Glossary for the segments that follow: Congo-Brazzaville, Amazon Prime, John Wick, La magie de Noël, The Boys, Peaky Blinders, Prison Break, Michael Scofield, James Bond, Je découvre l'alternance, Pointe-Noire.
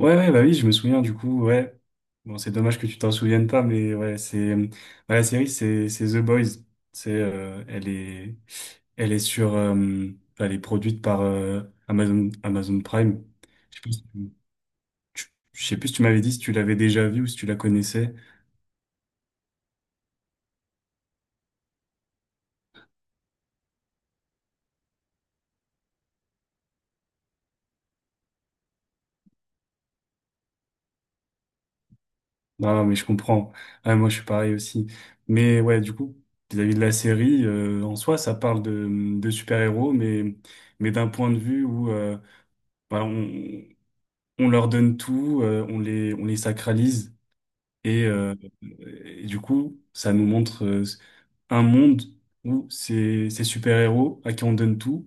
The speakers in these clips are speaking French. Ouais, ouais, bah oui, je me souviens du coup, ouais. Bon, c'est dommage que tu t'en souviennes pas, mais ouais, c'est bah, la série, c'est The Boys. C'est elle est sur elle est produite par Amazon Prime. Je sais plus si je sais plus si tu m'avais dit si tu l'avais déjà vue ou si tu la connaissais. Non, mais je comprends. Ah, moi, je suis pareil aussi. Mais ouais, du coup, vis-à-vis de la série, en soi, ça parle de super-héros, mais d'un point de vue où bah, on leur donne tout, on les sacralise. Et, euh, et du coup, ça nous montre un monde où ces super-héros à qui on donne tout,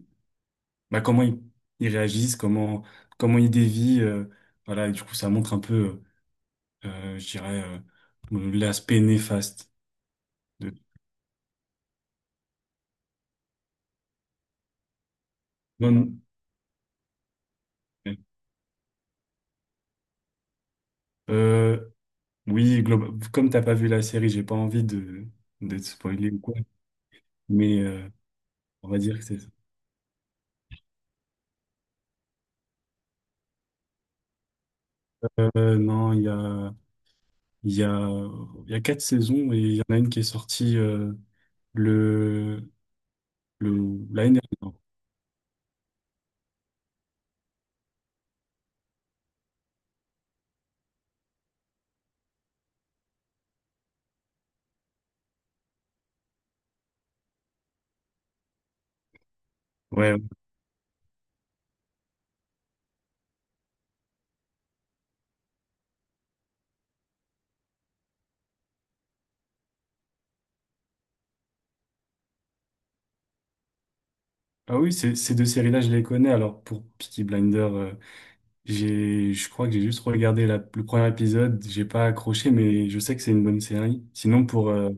bah, ils réagissent, comment ils dévient. Voilà, et du coup, ça montre un peu, je dirais, l'aspect néfaste de... Non, non. Euh, oui, comme t'as pas vu la série, j'ai pas envie de te spoiler ou quoi, mais on va dire que c'est ça. Non, il y a... Il y a, il y a quatre saisons et il y en a une qui est sortie le, l'année dernière. Ouais. Ah oui, ces, ces deux séries-là, je les connais. Alors pour Peaky Blinder, je crois que j'ai juste regardé le premier épisode. J'ai pas accroché, mais je sais que c'est une bonne série. Sinon pour,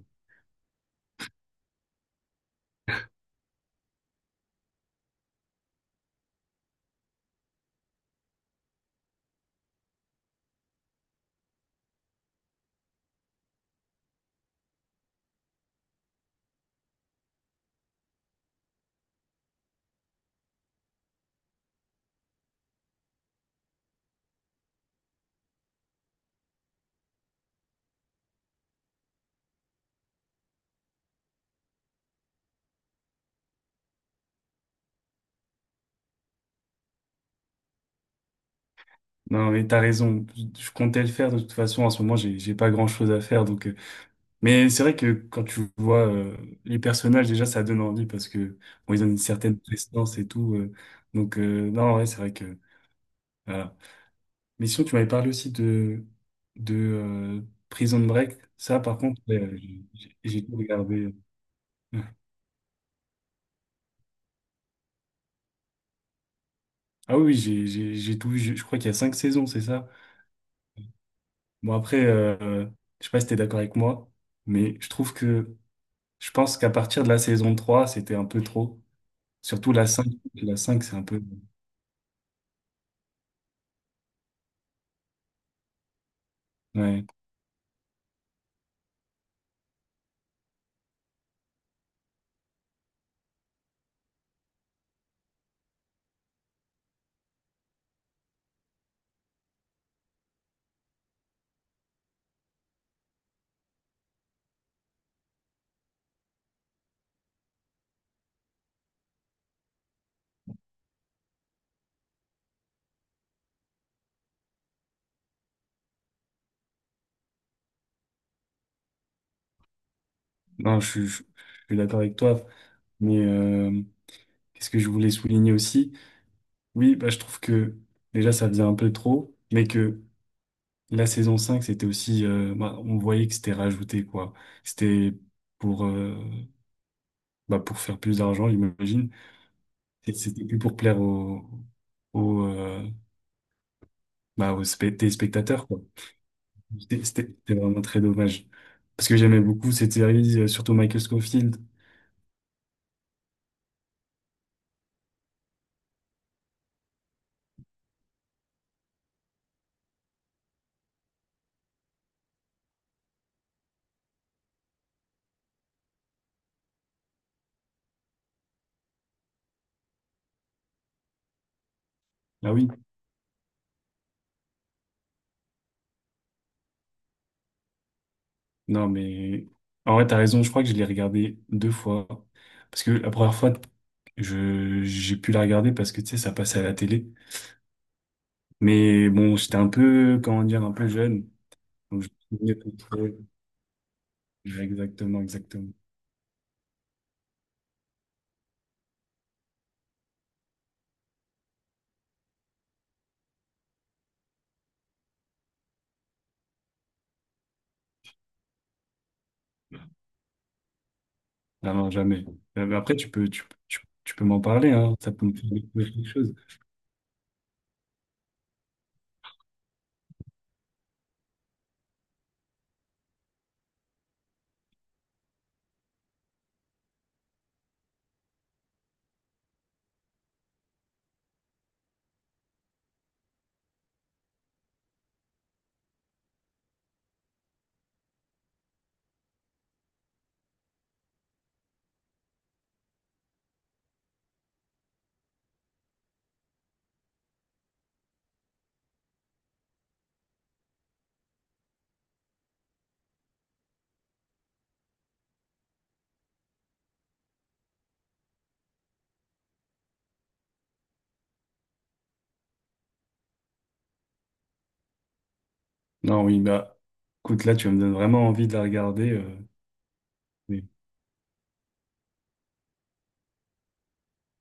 non mais t'as raison. Je comptais le faire de toute façon. En ce moment, j'ai pas grand-chose à faire, donc mais c'est vrai que quand tu vois les personnages, déjà, ça donne envie parce que bon, ils ont une certaine prestance et tout. Donc, non, ouais, c'est vrai que voilà. Mais sinon, tu m'avais parlé aussi de Prison Break. Ça, par contre, ouais, tout regardé. Ah oui, oui, j'ai tout vu. Je crois qu'il y a cinq saisons, c'est ça? Bon, après, je sais pas si t'es d'accord avec moi, mais je trouve que je pense qu'à partir de la saison 3 c'était un peu trop. Surtout la cinq, la 5 c'est un peu. Ouais. Non, je suis d'accord avec toi, mais qu'est-ce que je voulais souligner aussi? Oui, bah, je trouve que déjà ça faisait un peu trop, mais que la saison 5 c'était aussi, bah, on voyait que c'était rajouté, quoi. C'était pour, bah, pour faire plus d'argent, j'imagine. Et c'était plus pour plaire aux, aux, euh, bah, aux téléspectateurs, quoi. C'était vraiment très dommage. Parce que j'aimais beaucoup cette série, surtout Michael Scofield. Ah oui. Non, mais en vrai, t'as raison. Je crois que je l'ai regardé deux fois. Parce que la première fois, j'ai pu la regarder parce que, tu sais, ça passait à la télé. Mais bon, j'étais un peu, comment dire, un peu jeune. Donc, je me souvenais pas trop. Exactement, exactement. Ah non, jamais. Mais après, tu peux m'en parler, hein. Ça peut me faire découvrir quelque chose. Non, oui, bah, écoute, là, tu me donnes vraiment envie de la regarder. Mais-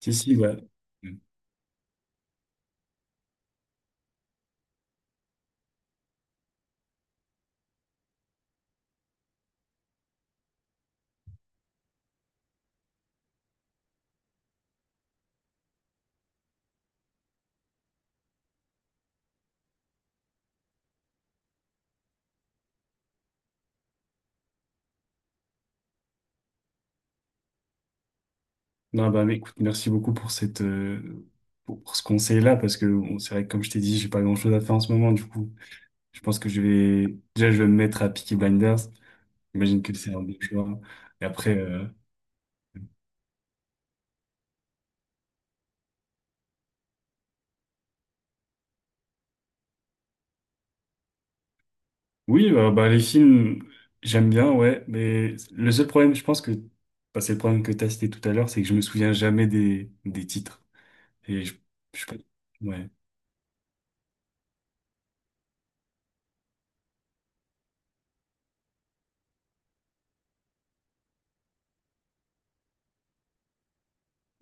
Si, si, ouais. Non, bah, mais écoute, merci beaucoup pour cette, pour ce conseil-là, parce que bon, c'est vrai que comme je t'ai dit, j'ai pas grand-chose à faire en ce moment, du coup, je pense que je vais, déjà, je vais me mettre à Peaky Blinders. J'imagine que c'est un bon choix. Et après, oui, bah, les films, j'aime bien, ouais, mais le seul problème, je pense que, bah, c'est le problème que t'as cité tout à l'heure, c'est que je me souviens jamais des, des titres. Et je, sais pas- ouais.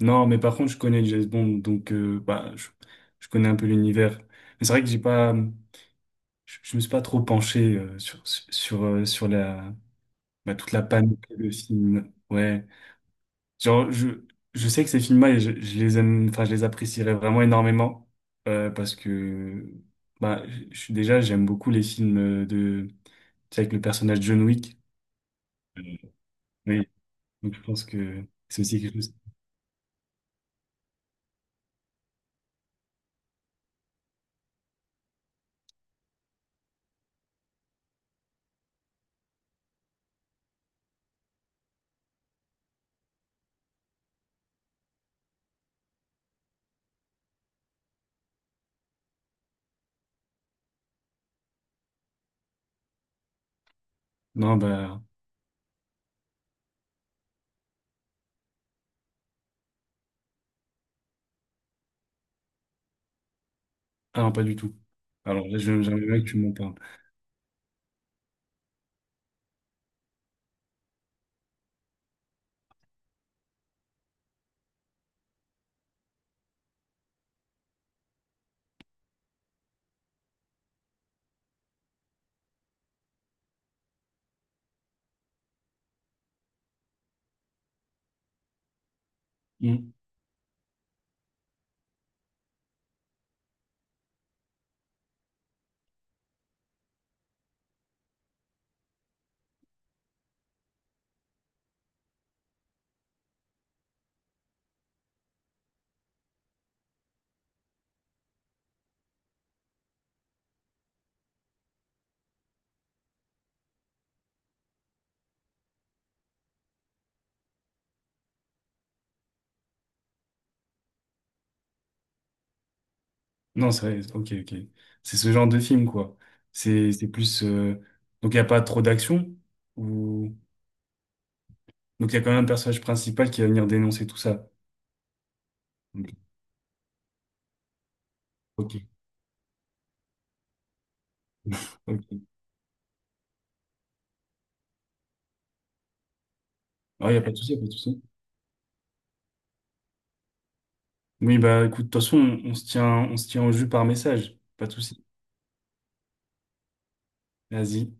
Non, mais par contre, je connais James Bond, donc, bah, je connais un peu l'univers. Mais c'est vrai que j'ai pas, je me suis pas trop penché sur la bah, toute la panoplie de films. Ouais, genre je sais que ces films-là, je les aime, enfin je les apprécierais vraiment énormément parce que bah je suis déjà j'aime beaucoup les films de tu sais, avec le personnage John Wick. Euh, Oui, donc je pense que c'est aussi quelque chose. Non bah ah non pas du tout. Alors là je j'aimerais bien que tu m'en parles. Non, c'est vrai, ok, ok. C'est ce genre de film, quoi. C'est plus. Donc, il n'y a pas trop d'action, ou. Donc, il y a quand même un personnage principal qui va venir dénoncer tout ça. Ok, ok. Ok. Ah il n'y a pas de souci, y a pas de souci. Oui, bah écoute, de toute façon, on se tient au jus par message. Pas de souci. Vas-y.